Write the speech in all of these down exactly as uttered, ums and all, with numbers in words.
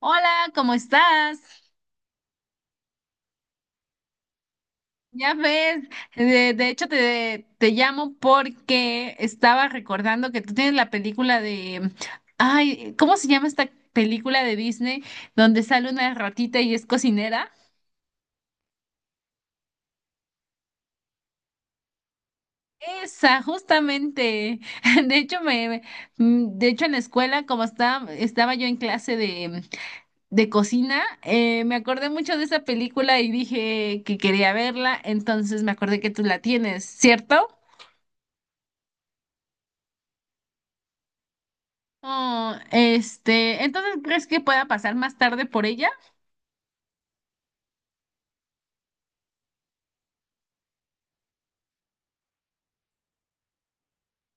Hola, ¿cómo estás? Ya ves, de, de hecho te, te llamo porque estaba recordando que tú tienes la película de, ay, ¿cómo se llama esta película de Disney donde sale una ratita y es cocinera? Esa, justamente. De hecho, me, me- mm, de hecho en la escuela, como estaba, estaba yo en clase de, de cocina, eh, me acordé mucho de esa película y dije que quería verla, entonces me acordé que tú la tienes, ¿cierto? Oh, este, entonces, ¿crees que pueda pasar más tarde por ella?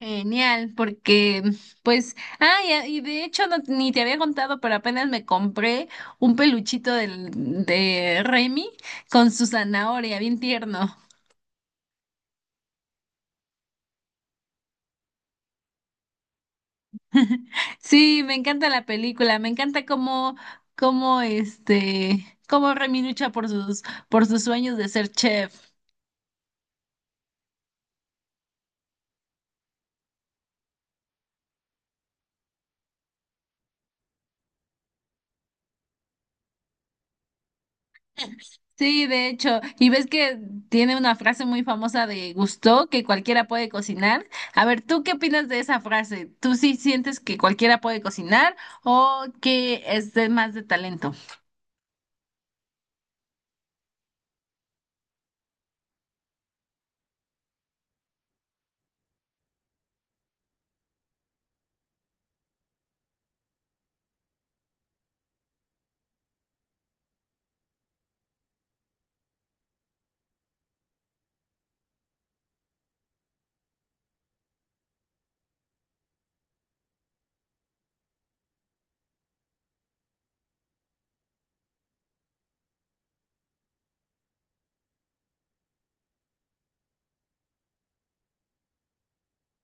Genial, porque, pues, ah, y, y de hecho no- ni te había contado, pero apenas me compré un peluchito del, de Remy con su zanahoria, bien tierno. Sí, me encanta la película, me encanta cómo, cómo, este, cómo Remy lucha por sus, por sus sueños de ser chef. Sí, de hecho, y ves que tiene una frase muy famosa de Gusteau, que cualquiera puede cocinar. A ver, ¿tú qué opinas de esa frase? ¿Tú sí sientes que cualquiera puede cocinar o que es de más de talento?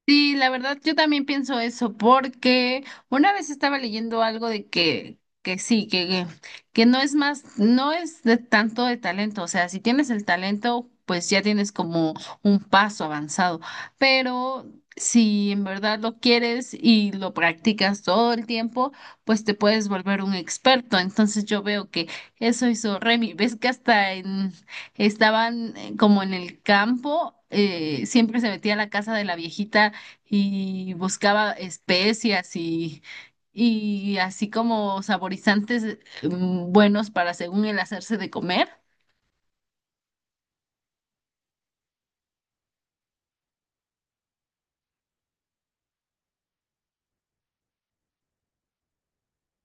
Sí, la verdad, yo también pienso eso, porque una vez estaba leyendo algo de que, que sí, que, que, que no es más, no es de tanto de talento, o sea, si tienes el talento, pues ya tienes como un paso avanzado, pero si en verdad lo quieres y lo practicas todo el tiempo, pues te puedes volver un experto. Entonces yo veo que eso hizo Remy, ves que hasta en estaban eh, como en el campo, eh, siempre se metía a la casa de la viejita y buscaba especias y, y así como saborizantes eh, mm, buenos para según el hacerse de comer.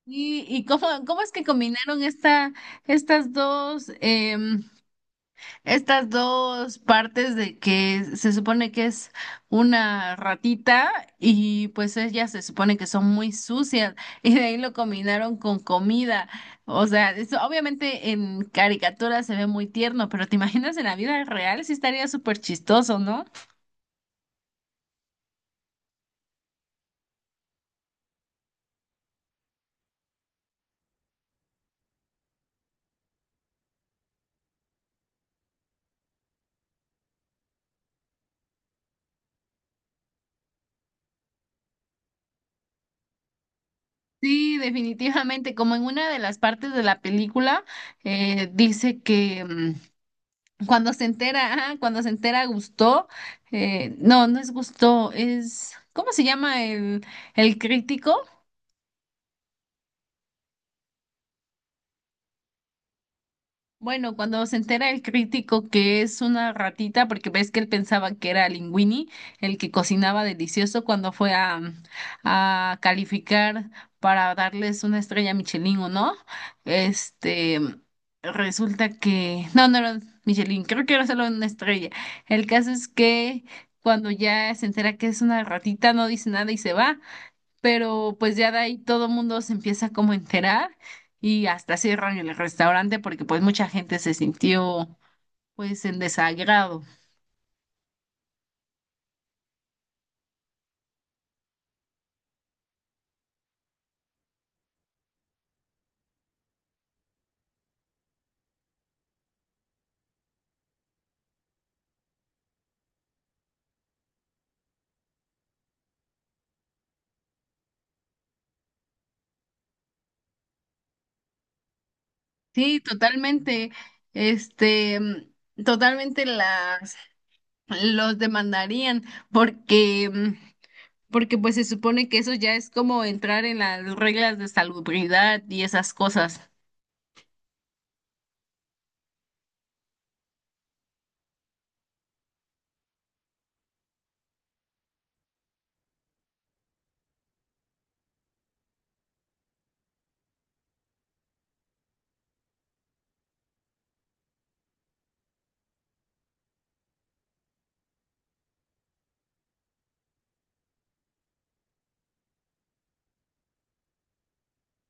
¿Y, y cómo, cómo es que combinaron esta, estas dos? Eh, Estas dos partes de que se supone que es una ratita y pues ellas se supone que son muy sucias y de ahí lo combinaron con comida. O sea, eso obviamente en caricatura se ve muy tierno, pero te imaginas en la vida real sí estaría súper chistoso, ¿no? Sí, definitivamente, como en una de las partes de la película eh, dice que... mm, Cuando se entera, ah, cuando se entera Gusto, no, no es Gusto, es, ¿cómo se llama el, el crítico? Bueno, cuando se entera el crítico que es una ratita, porque ves que él pensaba que era Linguini, el que cocinaba delicioso cuando fue a, a calificar para darles una estrella Michelin o no, este, resulta que, no, no era Michelin, creo que era solo una estrella. El caso es que cuando ya se entera que es una ratita, no dice nada y se va, pero pues ya de ahí todo mundo se empieza como a enterar y hasta cierran el restaurante porque pues mucha gente se sintió pues en desagrado. Sí, totalmente, este, mm, totalmente las, los demandarían porque, mm, porque pues se supone que eso ya es como entrar en las reglas de salubridad y esas cosas.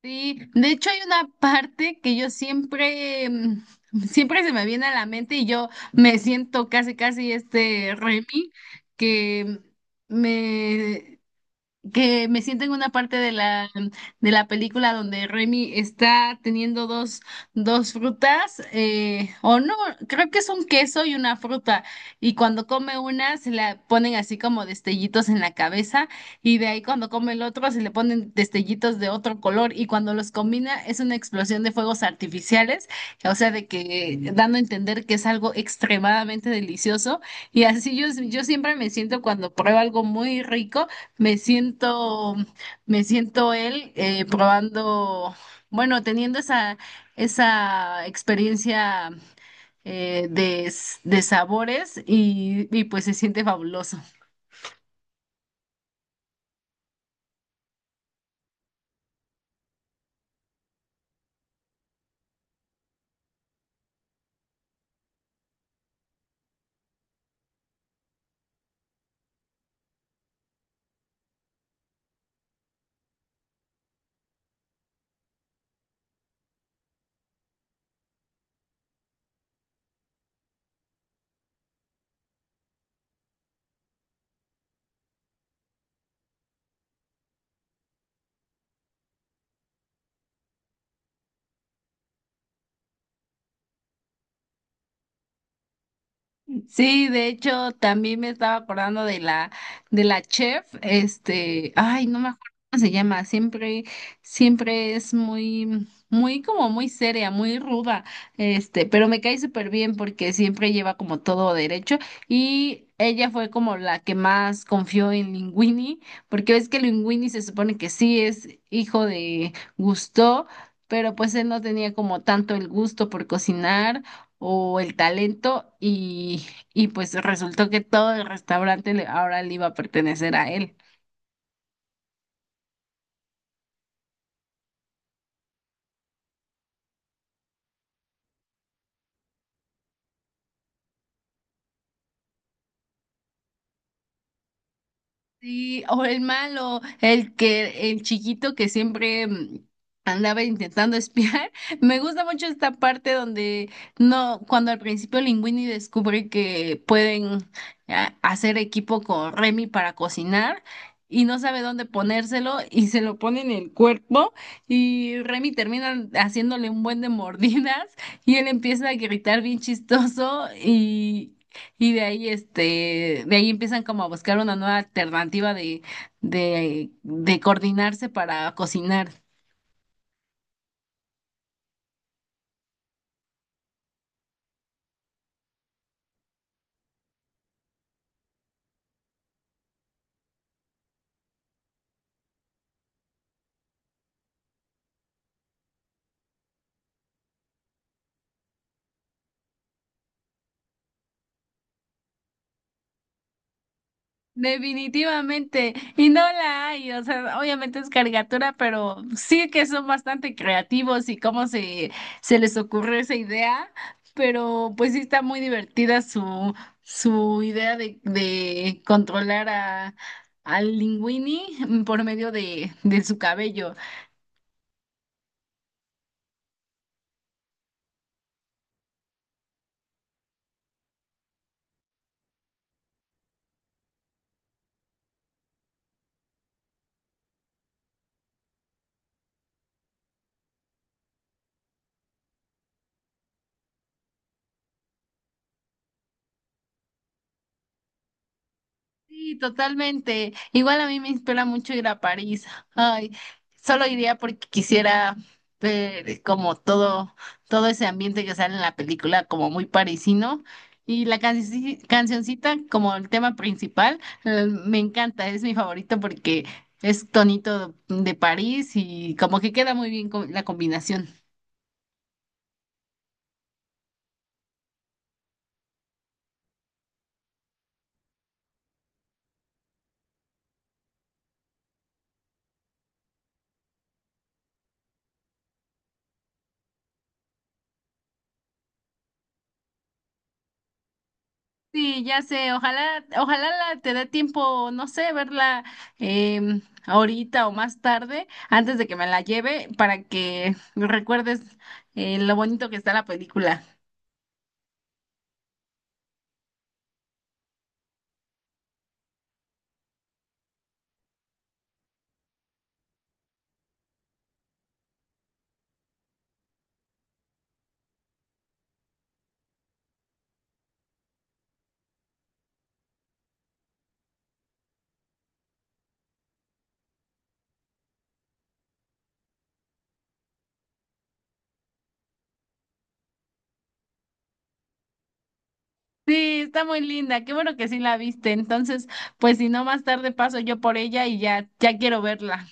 Sí, de hecho hay una parte que yo siempre, mm, siempre se me viene a la mente y yo me siento casi, casi este Remy, que me, que me siento en una parte de la, de la película donde Remy está teniendo dos, dos frutas, eh, o no, creo que es un queso y una fruta, y cuando come una se la ponen así como destellitos en la cabeza, y de ahí cuando come el otro se le ponen destellitos de otro color, y cuando los combina es una explosión de fuegos artificiales, o sea, de que dando a entender que es algo extremadamente delicioso, y así yo, yo siempre me siento cuando pruebo algo muy rico me siento, me siento él eh, probando, bueno, teniendo esa, esa experiencia eh, de, s- de sabores y, y pues se siente fabuloso. Sí, de hecho, también me estaba acordando de la, de la chef, este, ay, no me acuerdo cómo se llama, siempre, siempre es muy, muy como muy seria, muy ruda, este, pero me cae súper bien porque siempre lleva como todo derecho y ella fue como la que más confió en Linguini, porque ves que Linguini se supone que sí es hijo de Gusteau, pero pues él no tenía como tanto el gusto por cocinar o el talento y y pues resultó que todo el restaurante le- ahora le iba a pertenecer a él. Sí, o el malo, el que, el chiquito que siempre mm, andaba intentando espiar. Me gusta mucho esta parte donde no, cuando al principio Linguini descubre que pueden a- hacer equipo con Remy para cocinar y no sabe dónde ponérselo y se lo pone en el cuerpo y Remy termina haciéndole un buen de mordidas y él empieza a gritar bien chistoso y de ahí, este, de ahí empiezan como a buscar una nueva alternativa de, de, de coordinarse para cocinar. Definitivamente, y no la hay, o sea, obviamente es caricatura, pero sí que son bastante creativos y cómo se, se les ocurrió esa idea, pero pues sí está muy divertida su, su idea de, de controlar a, al Linguini por medio de, de su cabello. Sí, totalmente. Igual a mí me inspira mucho ir a París. Ay, solo iría porque quisiera ver como todo, todo ese ambiente que sale en la película, como muy parisino. Y la canci- cancioncita, como el tema principal, eh, me encanta, es mi favorito porque es tonito de París y como que queda muy bien con la combinación. Sí, ya sé, ojalá, ojalá la- te dé tiempo, no sé, verla em, ahorita o más tarde, antes de que me la lleve, para que recuerdes eh, lo bonito que está la película. Sí, está muy linda, qué bueno que sí la viste. Entonces, pues si no, más tarde paso yo por ella y ya, ya quiero verla.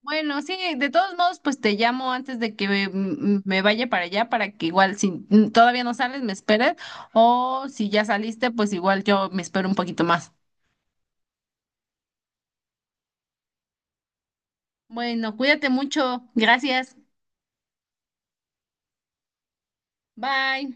Bueno, sí, de todos modos, pues te llamo antes de que me, mm, me vaya para allá, para que igual si mm, todavía no sales, me esperes, o si ya saliste, pues igual yo me espero un poquito más. Bueno, cuídate mucho. Gracias. Bye.